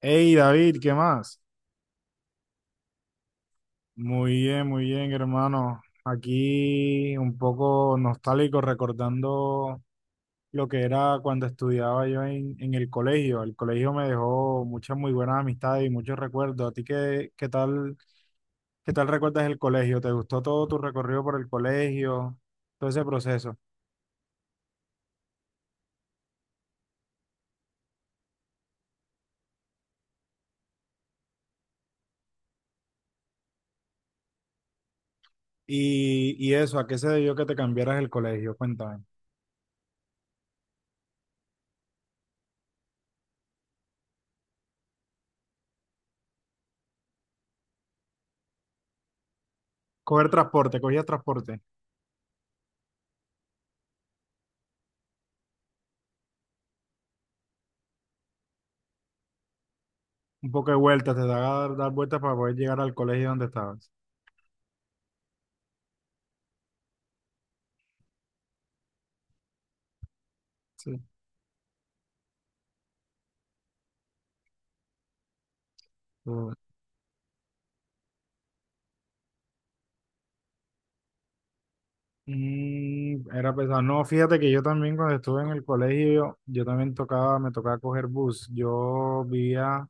Hey David, ¿qué más? Muy bien, hermano. Aquí un poco nostálgico, recordando lo que era cuando estudiaba yo en el colegio. El colegio me dejó muchas muy buenas amistades y muchos recuerdos. ¿A ti qué tal recuerdas el colegio? ¿Te gustó todo tu recorrido por el colegio, todo ese proceso? Y eso, ¿a qué se debió que te cambiaras el colegio? Cuéntame. Cogías transporte, un poco de vueltas, te daba dar vueltas para poder llegar al colegio donde estabas. Sí. Mm. Y era pesado. No, fíjate que yo también cuando estuve en el colegio, yo también tocaba, me tocaba coger bus. Yo vivía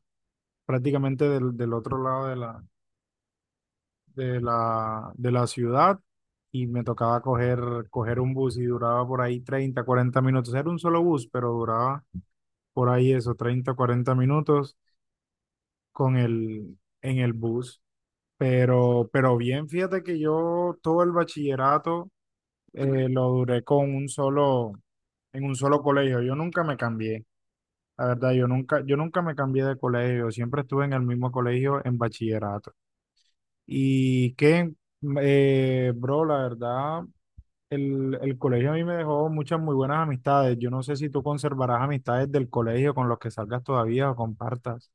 prácticamente del otro lado de la ciudad y me tocaba coger un bus y duraba por ahí 30-40 minutos. Era un solo bus, pero duraba por ahí eso, 30-40 minutos con el, en el bus. Pero bien, fíjate que yo todo el bachillerato lo duré con un solo en un solo colegio. Yo nunca me cambié, la verdad, yo nunca me cambié de colegio, siempre estuve en el mismo colegio en bachillerato. Y que, Bro, la verdad, el colegio a mí me dejó muchas muy buenas amistades. Yo no sé si tú conservarás amistades del colegio con los que salgas todavía o compartas.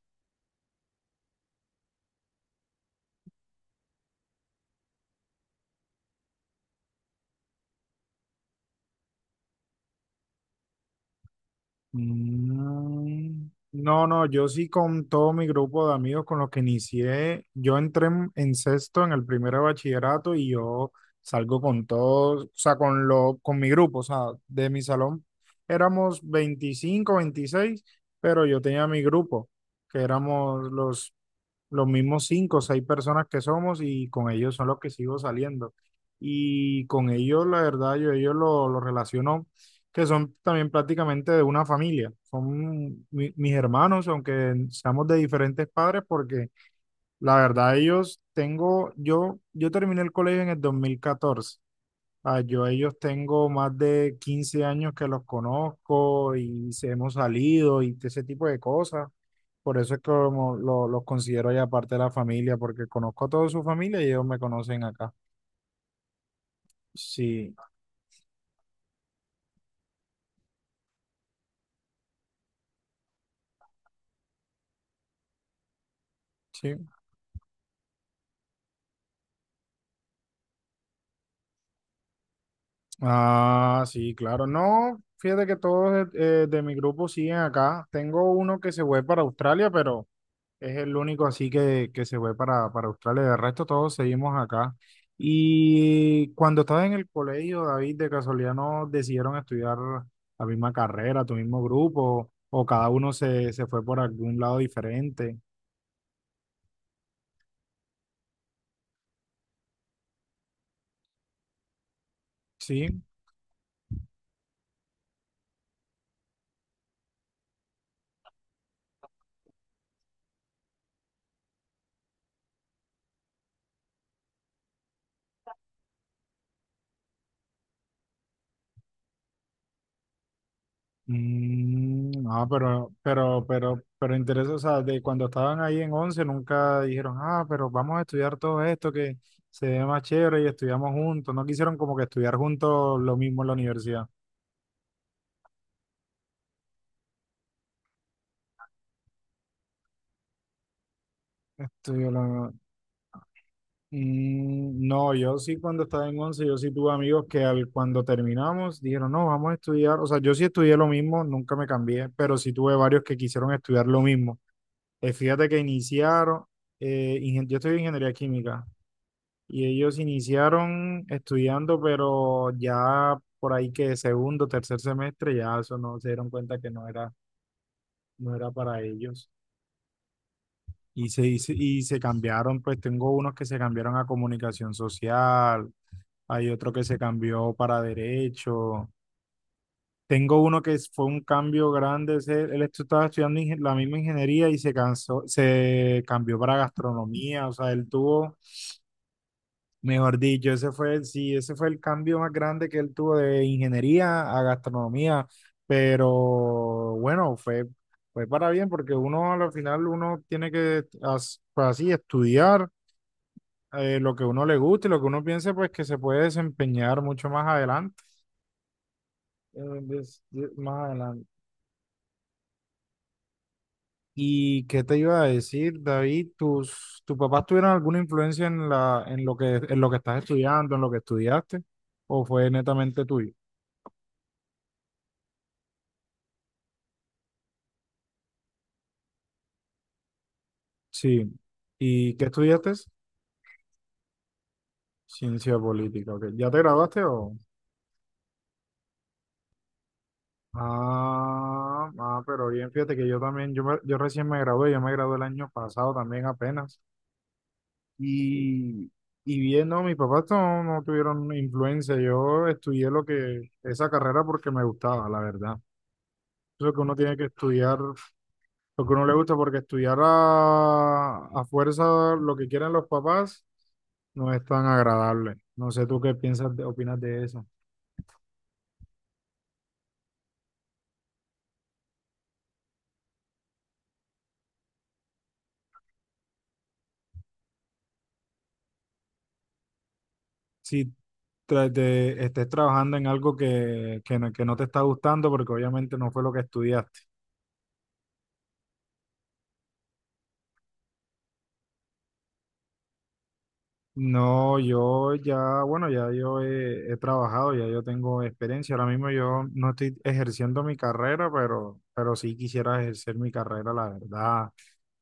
Mm, No, no, yo sí con todo mi grupo de amigos con los que inicié, yo entré en sexto en el primer bachillerato y yo salgo con todos, o sea, con mi grupo, o sea, de mi salón éramos 25-26 pero yo tenía mi grupo, que éramos los mismos cinco o seis personas que somos y con ellos son los que sigo saliendo. Y con ellos, la verdad, yo ellos lo relaciono que son también prácticamente de una familia. Son mis hermanos, aunque seamos de diferentes padres, porque la verdad yo terminé el colegio en el 2014. Ah, yo a ellos tengo más de 15 años que los conozco y se hemos salido y ese tipo de cosas. Por eso es que como los considero ya parte de la familia, porque conozco a toda su familia y ellos me conocen acá. Sí, sí. Ah, sí, claro. No, fíjate que todos de mi grupo siguen acá. Tengo uno que se fue para Australia, pero es el único así que se fue para Australia. De resto, todos seguimos acá. Y cuando estabas en el colegio, David, de casualidad no decidieron estudiar la misma carrera, tu mismo grupo, o cada uno se fue por algún lado diferente. Sí. Mm, ah, pero interesa, o sea, de cuando estaban ahí en 11 nunca dijeron, ah, pero vamos a estudiar todo esto que se ve más chévere y estudiamos juntos. No quisieron como que estudiar juntos lo mismo en la universidad. Estudio la- Mm, no, yo sí cuando estaba en 11 yo sí tuve amigos que al, cuando terminamos dijeron, no, vamos a estudiar, o sea, yo sí estudié lo mismo, nunca me cambié, pero sí tuve varios que quisieron estudiar lo mismo. Fíjate que iniciaron, yo estudié ingeniería química. Y ellos iniciaron estudiando, pero ya por ahí que segundo, tercer semestre, ya eso no se dieron cuenta que no era, no era para ellos. Y se cambiaron, pues tengo unos que se cambiaron a comunicación social, hay otro que se cambió para derecho. Tengo uno que fue un cambio grande, estaba estudiando la misma ingeniería y se cansó, se cambió para gastronomía, o sea, él tuvo mejor dicho, ese fue, sí, ese fue el cambio más grande que él tuvo de ingeniería a gastronomía, pero bueno, fue, fue para bien porque uno al final uno tiene que pues, así estudiar lo que uno le gusta y lo que uno piense pues que se puede desempeñar mucho más adelante. Más adelante. ¿Y qué te iba a decir, David? ¿Tus papás tuvieron alguna influencia en la, en lo que estás estudiando, en lo que estudiaste, o fue netamente tuyo? Sí. ¿Y qué estudiaste? Ciencia política, ok. ¿Ya te graduaste o...? Ah, ah, pero bien, fíjate que yo también, yo recién me gradué, yo me gradué el año pasado también apenas. Y, y bien, no, mis papás no, no tuvieron influencia, yo estudié lo que, esa carrera porque me gustaba, la verdad. Eso que uno tiene que estudiar, lo que uno le gusta, porque estudiar a fuerza lo que quieren los papás no es tan agradable. No sé tú qué piensas, opinas de eso. Si estés trabajando en algo que no te está gustando, porque obviamente no fue lo que estudiaste. No, yo ya, bueno, ya yo he trabajado, ya yo tengo experiencia. Ahora mismo yo no estoy ejerciendo mi carrera, pero sí quisiera ejercer mi carrera, la verdad.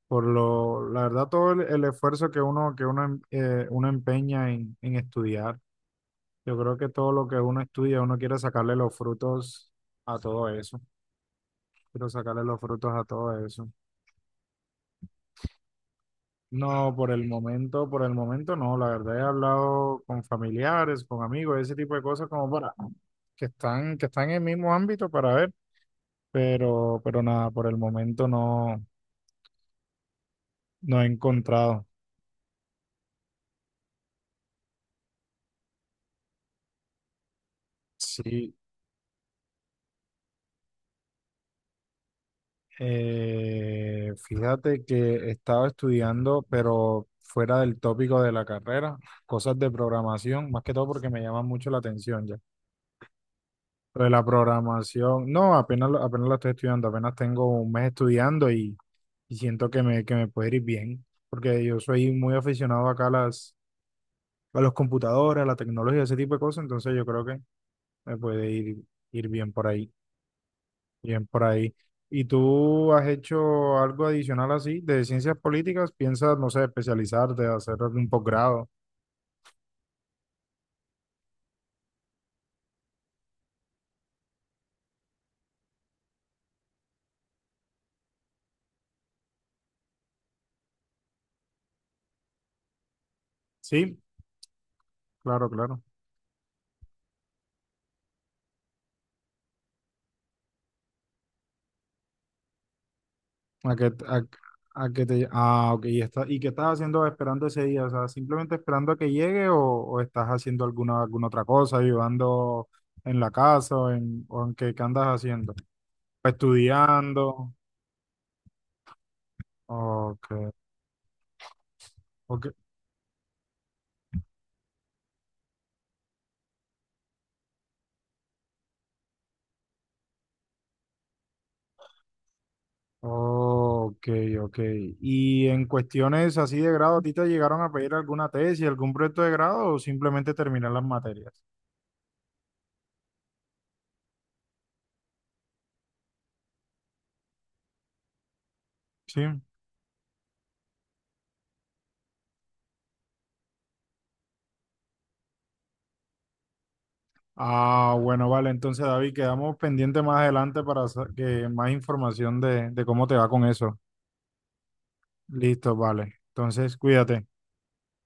La verdad, todo el esfuerzo uno empeña en estudiar. Yo creo que todo lo que uno estudia, uno quiere sacarle los frutos a todo eso. Quiero sacarle los frutos a todo eso. No, por el momento no. La verdad he hablado con familiares, con amigos, ese tipo de cosas como para que están en el mismo ámbito para ver, pero nada, por el momento no, he encontrado. Sí, fíjate que estaba estudiando, pero fuera del tópico de la carrera, cosas de programación, más que todo porque me llama mucho la atención ya. Pero de la programación, no, apenas, apenas la estoy estudiando, apenas tengo un mes estudiando y siento que me puede ir bien, porque yo soy muy aficionado acá a a los computadores, a la tecnología, ese tipo de cosas, entonces yo creo que me puede ir bien por ahí, bien por ahí. ¿Y tú has hecho algo adicional así de ciencias políticas? ¿Piensas, no sé, especializarte, hacer algún posgrado? Sí, claro, claro. A que, a, a que te... Ah, ok. ¿Y qué estás haciendo esperando ese día? O sea, ¿simplemente esperando a que llegue o estás haciendo alguna otra cosa, ayudando en la casa o en qué andas haciendo? Estudiando. Ok, ok, ok, ok. ¿Y en cuestiones así de grado, a ti te llegaron a pedir alguna tesis, algún proyecto de grado o simplemente terminar las materias? Sí. Ah, bueno, vale. Entonces, David, quedamos pendientes más adelante para sa- que más información de cómo te va con eso. Listo, vale. Entonces, cuídate.